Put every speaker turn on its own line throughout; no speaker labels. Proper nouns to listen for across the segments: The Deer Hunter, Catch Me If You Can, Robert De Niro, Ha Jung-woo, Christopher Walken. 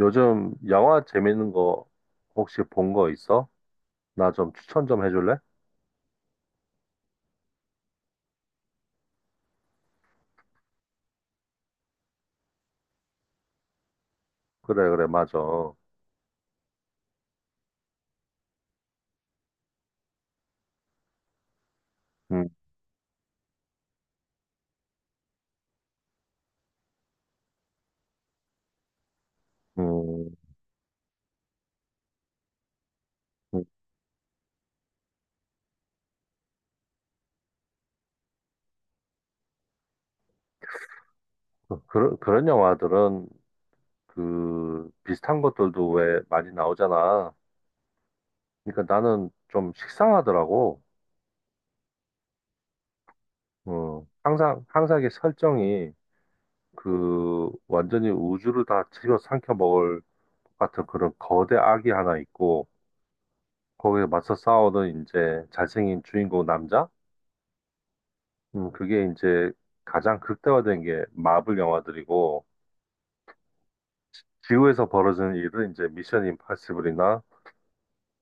요즘 영화 재밌는 거 혹시 본 거 있어? 나 좀 추천 좀 해줄래? 그래, 그래, 맞아. 음, 음, 음. 그런 영화들은 그 비슷한 것들도 왜 많이 나오잖아. 그러니까 나는 좀 식상하더라고. 어, 항상, 항상 이게 설정이 그 완전히 우주를 다 집어 삼켜 먹을 것 같은 그런 거대 악이 하나 있고 거기에 맞서 싸우는 이제 잘생긴 주인공 남자? 그게 이제 가장 극대화된 게 마블 영화들이고, 지구에서 벌어지는 일은 이제 미션 임파서블이나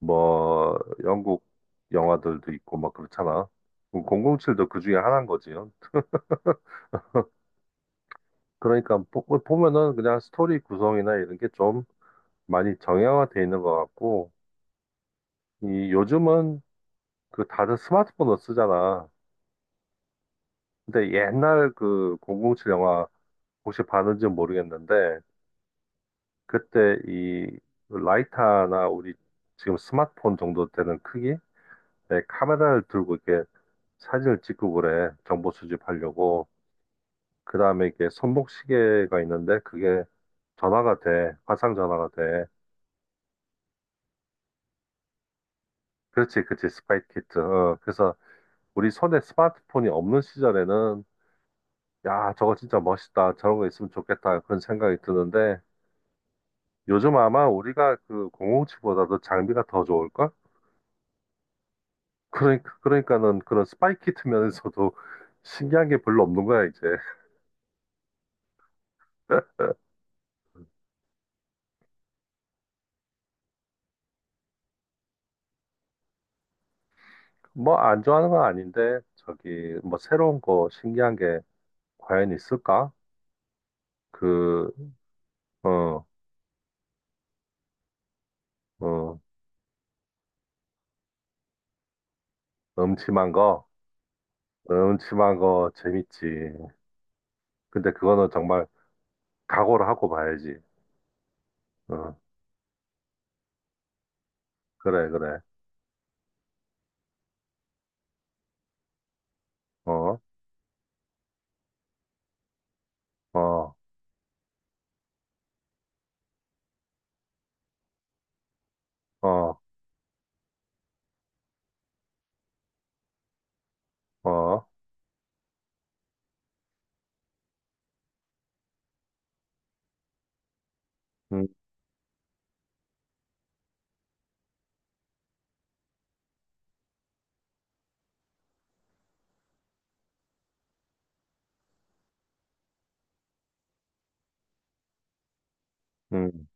뭐, 영국 영화들도 있고 막 그렇잖아. 007도 그 중에 하나인 거지요. 그러니까 보면은 그냥 스토리 구성이나 이런 게 좀 많이 정형화돼 있는 것 같고, 이 요즘은 그 다들 스마트폰을 쓰잖아. 근데 옛날 그 007 영화 혹시 봤는지 모르겠는데, 그때 이 라이터나 우리 지금 스마트폰 정도 되는 크기의 카메라를 들고 이렇게 사진을 찍고 그래. 정보 수집하려고. 그 다음에 이게 손목시계가 있는데 그게 전화가 돼. 화상 전화가 돼. 그렇지, 그렇지. 스파이 키트. 어, 그래서 우리 손에 스마트폰이 없는 시절에는 야, 저거 진짜 멋있다. 저런 거 있으면 좋겠다. 그런 생각이 드는데 요즘 아마 우리가 그 공공7보다도 장비가 더 좋을걸? 그러니까, 그러니까는 그런 스파이키트 면에서도 신기한 게 별로 없는 거야, 이제. 뭐 안 좋아하는 건 아닌데, 저기, 뭐 새로운 거 신기한 게 과연 있을까? 그, 어, 어, 음침한 거, 음침한 거 재밌지. 근데 그거는 정말 각오를 하고 봐야지. 어, 그래, 그래. 어, 어, 어, 어, 음, 음.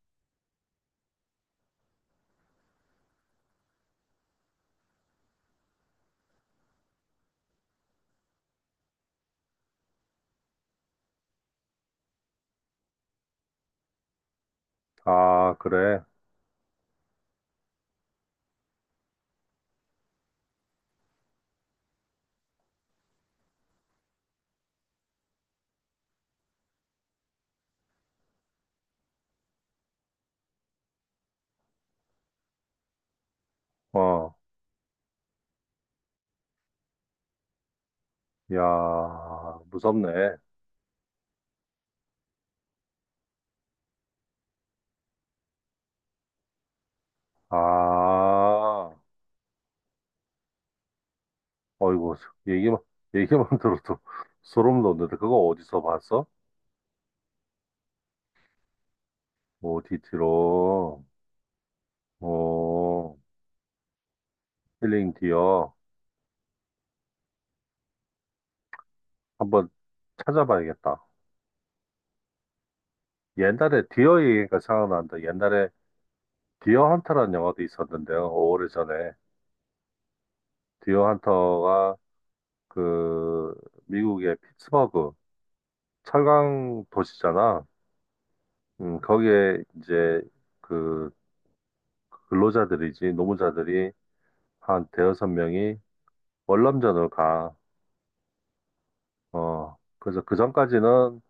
아, 그래. 어, 야, 무섭네. 아. 어이구, 얘기만, 얘기만 들어도 소름 돋는데, 그거 어디서 봤어? 오디티로. 어, 힐링 디어. 한번 찾아봐야겠다. 옛날에 디어 얘기가 생각난다. 옛날에 디어 헌터라는 영화도 있었는데요. 오래전에. 디어 헌터가 그, 미국의 피츠버그, 철강 도시잖아. 거기에 이제 그 근로자들이지, 노무자들이 한 대여섯 명이 월남전을 가. 어, 그래서 그 전까지는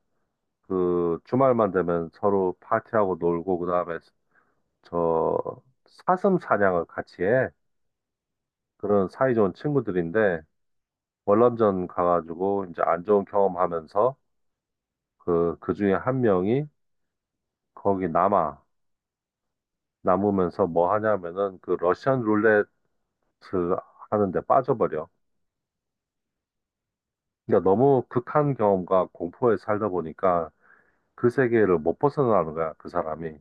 그 주말만 되면 서로 파티하고 놀고, 그 다음에 저 사슴 사냥을 같이 해. 그런 사이좋은 친구들인데, 월남전 가가지고 이제 안 좋은 경험하면서 그, 그 중에 한 명이 거기 남아. 남으면서 뭐 하냐면은 그 러시안 룰레트 하는데 빠져버려. 그러니까 너무 극한 경험과 공포에 살다 보니까 그 세계를 못 벗어나는 거야, 그 사람이.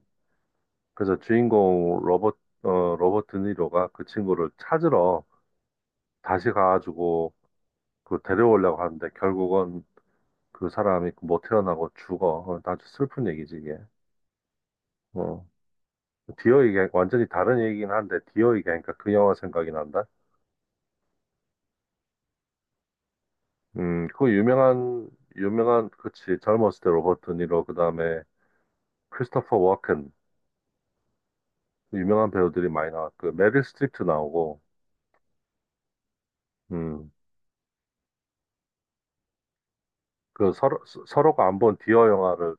그래서 주인공 로버트, 어, 로버트 니로가 그 친구를 찾으러 다시 가가지고 그 데려오려고 하는데 결국은 그 사람이 그 못 태어나고 죽어. 어, 아주 슬픈 얘기지, 이게. 어. 디어 얘기, 완전히 다른 얘기긴 한데, 디어 얘기하니까 그 영화 생각이 난다. 그 유명한, 유명한, 그치, 젊었을 때 로버트 니로, 그 다음에 크리스토퍼 워켄, 유명한 배우들이 많이 나왔고, 메릴 스트립도 나오고, 음, 그 서로가 안 본 디어 영화를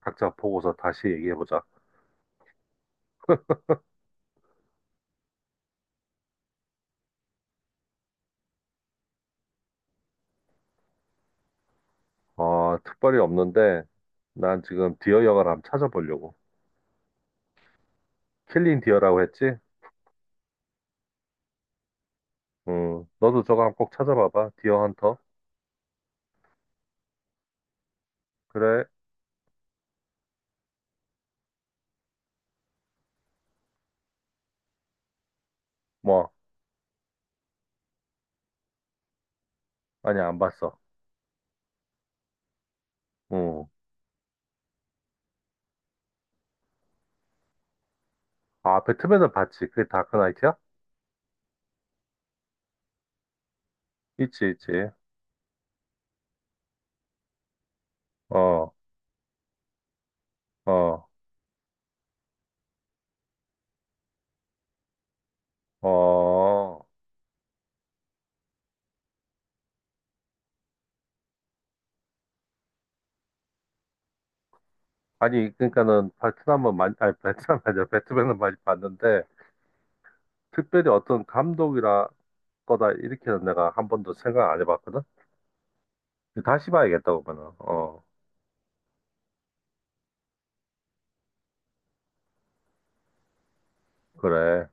각자 보고서 다시 얘기해보자. 어, 특별히 없는데, 난 지금 디어 영화를 한번 찾아보려고. 킬링 디어라고 했지? 응, 너도 저거 한번 꼭 찾아봐봐. 디어 헌터. 그래, 뭐, 아니, 안 봤어. 응. 아, 배트맨은 봤지. 그게 다크나이트야? 있지, 있지. 어, 어, 어. 아니, 그러니까는 베트남은 많이, 아니, 베트남 아니야. 배트맨은 많이 봤는데, 특별히 어떤 감독이라 거다, 이렇게는 내가 한 번도 생각 안 해봤거든? 다시 봐야겠다, 그러면은. 어, 그래.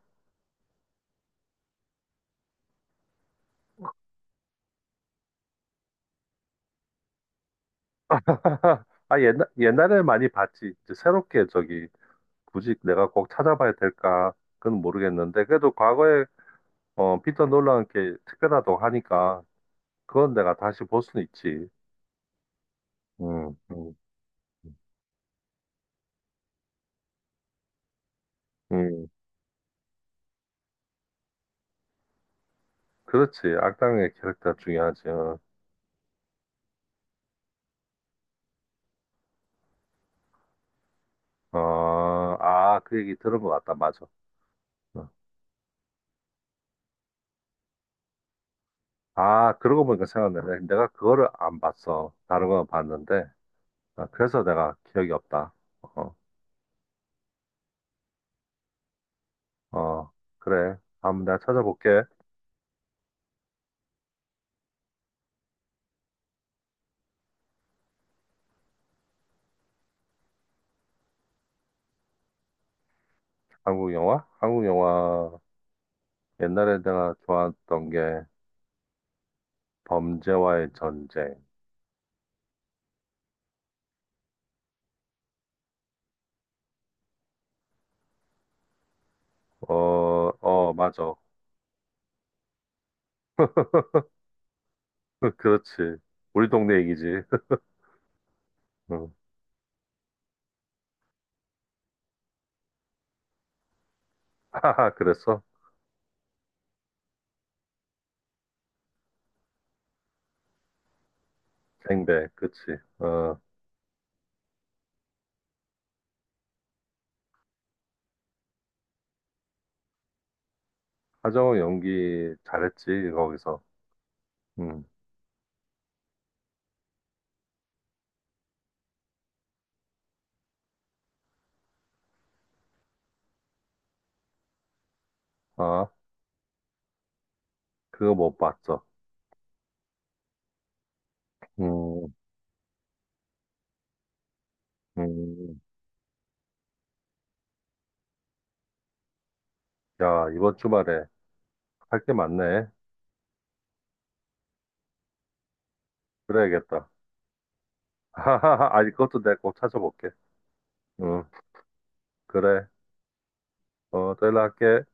아, 옛날, 옛날에 많이 봤지. 이제 새롭게 저기, 굳이 내가 꼭 찾아봐야 될까? 그건 모르겠는데. 그래도 과거에, 어, 피터 놀란 게 특별하다고 하니까, 그건 내가 다시 볼 수는 있지. 음, 음, 음. 음, 그렇지. 악당의 캐릭터 중요하지. 어, 어, 아, 그 얘기 들은 것 같다. 맞아. 어. 아, 그러고 보니까 생각나네. 내가 그거를 안 봤어. 다른 건 봤는데. 아, 그래서 내가 기억이 없다. 어, 어, 그래. 한번 내가 찾아볼게. 한국 영화? 한국 영화 옛날에 내가 좋아했던 게 범죄와의 전쟁. 어, 어, 맞아. 그렇지. 우리 동네 얘기지. 응. 하하, 그랬어? 생배, 그치. 어, 하정우 연기 잘했지, 거기서. 응. 아, 그거 못 봤어. 음, 음. 야, 이번 주말에 할 게 많네. 그래야겠다. 하하하, 아니, 그것도 내가 꼭 찾아볼게. 응, 그래. 어, 또 연락할게.